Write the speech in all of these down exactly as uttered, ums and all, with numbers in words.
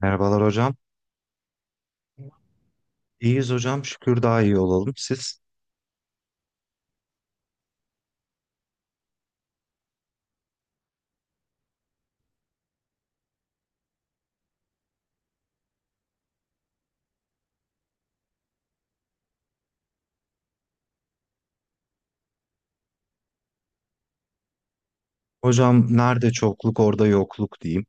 Merhabalar hocam. İyiyiz hocam. Şükür daha iyi olalım. Siz? Hocam nerede çokluk orada yokluk diyeyim.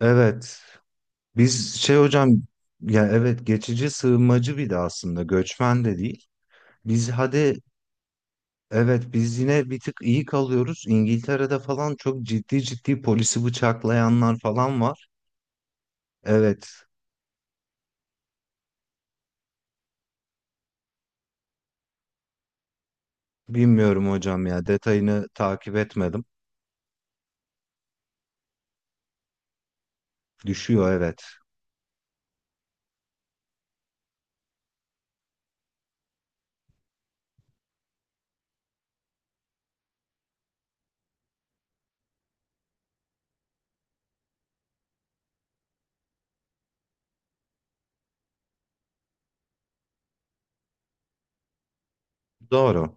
Evet. Biz şey hocam, ya evet geçici sığınmacı, bir de aslında göçmen de değil. Biz hadi evet, biz yine bir tık iyi kalıyoruz. İngiltere'de falan çok ciddi ciddi polisi bıçaklayanlar falan var. Evet. Bilmiyorum hocam, ya detayını takip etmedim. Düşüyor evet. Doğru.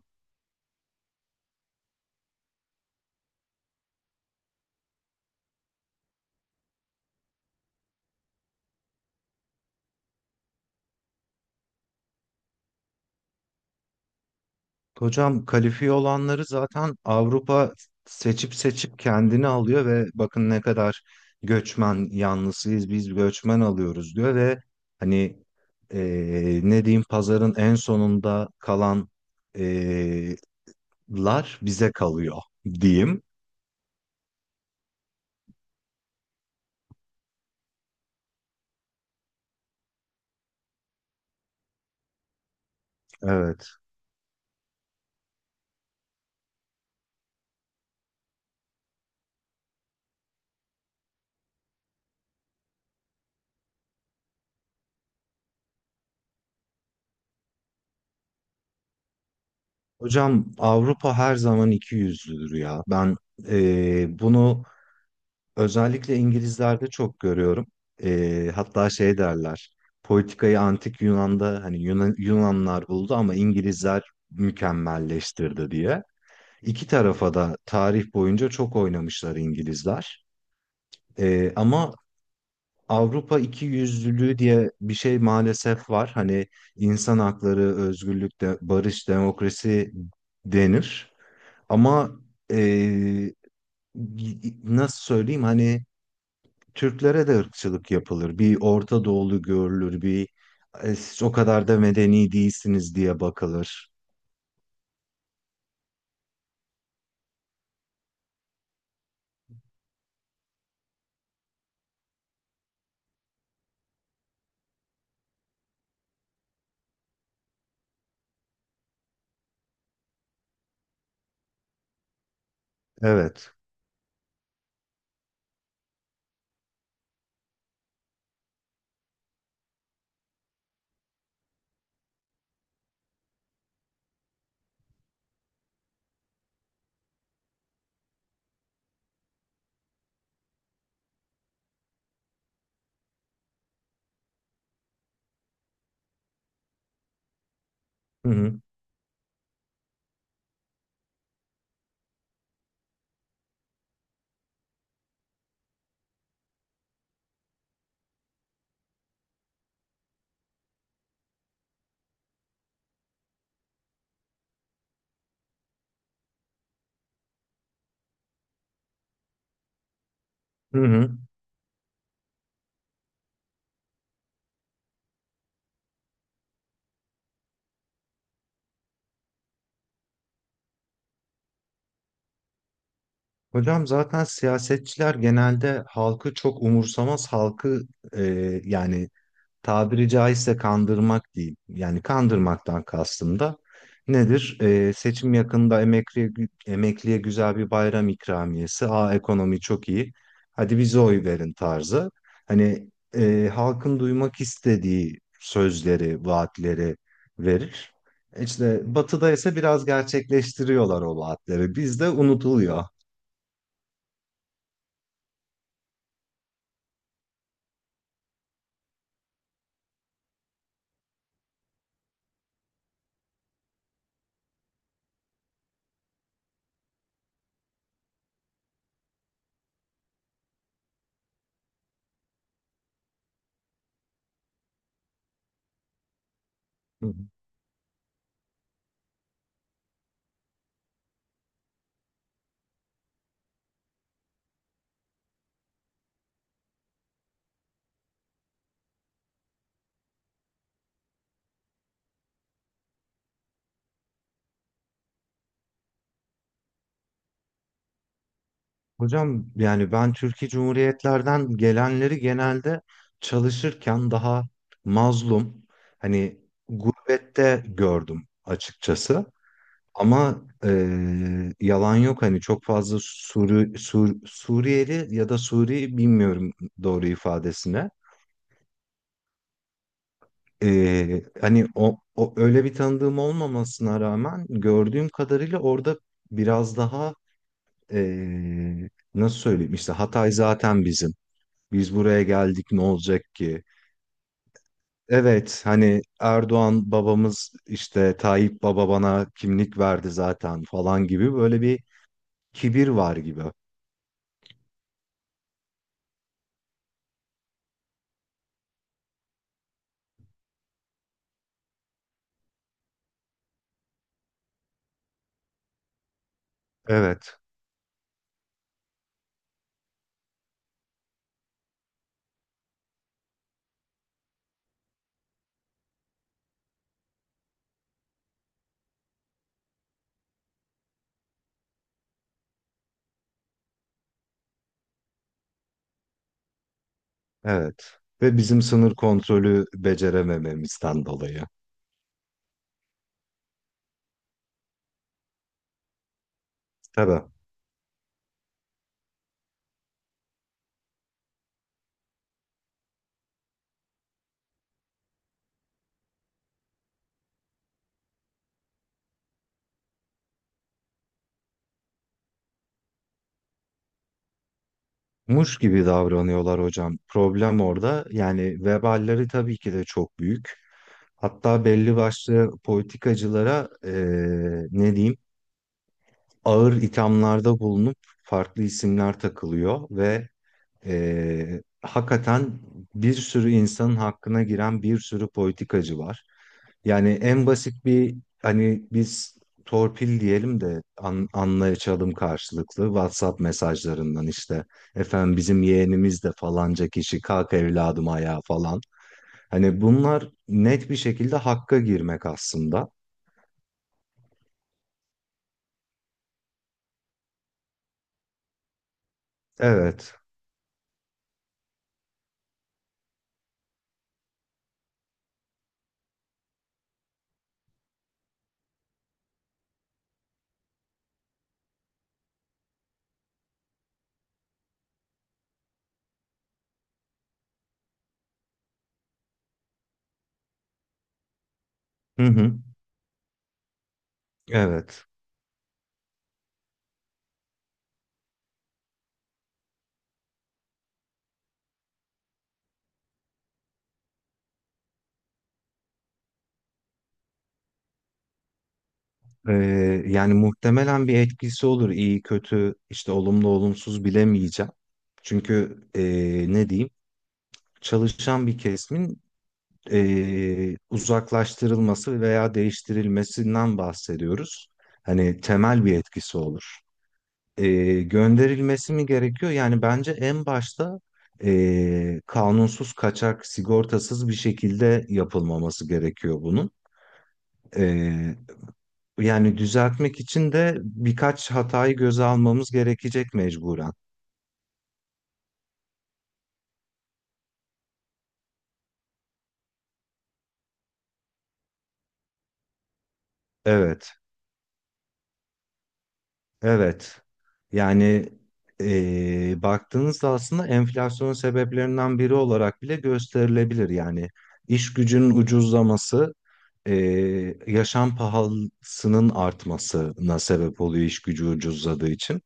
Hocam kalifiye olanları zaten Avrupa seçip seçip kendini alıyor ve bakın ne kadar göçmen yanlısıyız, biz göçmen alıyoruz diyor ve hani eee, ne diyeyim, pazarın en sonunda kalan eee, lar bize kalıyor diyeyim. Evet. Hocam Avrupa her zaman iki yüzlüdür ya. Ben eee, bunu Özellikle İngilizlerde çok görüyorum. Ee, hatta şey derler. Politikayı antik Yunan'da, hani Yunan, Yunanlar buldu ama İngilizler mükemmelleştirdi diye. İki tarafa da tarih boyunca çok oynamışlar İngilizler. Ee, ama Avrupa iki yüzlülüğü diye bir şey maalesef var. Hani insan hakları, özgürlük, de, barış, demokrasi denir. Ama ee, nasıl söyleyeyim, hani Türklere de ırkçılık yapılır. Bir Orta Doğulu görülür, bir "E, Siz o kadar da medeni değilsiniz" diye bakılır. Evet. Hı hı. Hı hı. Hocam zaten siyasetçiler genelde halkı çok umursamaz, halkı e, yani tabiri caizse kandırmak değil. Yani kandırmaktan kastım da nedir? Ee, seçim yakında emekliye, gü- emekliye güzel bir bayram ikramiyesi. Aa ekonomi çok iyi. Hadi bize oy verin tarzı. Hani e, halkın duymak istediği sözleri, vaatleri verir. İşte batıda ise biraz gerçekleştiriyorlar o vaatleri. Bizde unutuluyor. Hocam yani ben Türkiye Cumhuriyetlerden gelenleri genelde çalışırken daha mazlum, hani gurbette gördüm açıkçası. Ama eee, yalan yok, hani çok fazla Suri, Sur, Suriyeli ya da Suri bilmiyorum doğru ifadesine. Eee, hani o, o öyle bir tanıdığım olmamasına rağmen gördüğüm kadarıyla orada biraz daha eee, nasıl söyleyeyim, işte Hatay zaten bizim. Biz buraya geldik ne olacak ki? Evet hani Erdoğan babamız, işte Tayyip baba bana kimlik verdi zaten falan gibi böyle bir kibir var gibi. Evet, evet. Ve bizim sınır kontrolü beceremememizden dolayı. Tabii. Muş gibi davranıyorlar hocam. Problem orada. Yani veballeri tabii ki de çok büyük. Hatta belli başlı politikacılara eee, ne diyeyim, ağır ithamlarda bulunup farklı isimler takılıyor ve Ee, hakikaten bir sürü insanın hakkına giren bir sürü politikacı var. Yani en basit bir, hani biz torpil diyelim de an, anlaşalım, karşılıklı WhatsApp mesajlarından işte efendim bizim yeğenimiz de, falanca kişi kalk evladım ayağa falan. Hani bunlar net bir şekilde hakka girmek aslında. Evet. Hı hı. Evet. Ee, Yani muhtemelen bir etkisi olur. iyi kötü, işte olumlu, olumsuz bilemeyeceğim. Çünkü ee, ne diyeyim? Çalışan bir kesimin ee, uzaklaştırılması veya değiştirilmesinden bahsediyoruz. Hani temel bir etkisi olur. Ee, gönderilmesi mi gerekiyor? Yani bence en başta ee, kanunsuz, kaçak, sigortasız bir şekilde yapılmaması gerekiyor bunun. Yani düzeltmek için de birkaç hatayı göze almamız gerekecek mecburen. Evet, evet. Yani eee, baktığınızda aslında enflasyonun sebeplerinden biri olarak bile gösterilebilir. Yani iş gücünün ucuzlaması, eee, yaşam pahalısının artmasına sebep oluyor iş gücü ucuzladığı için.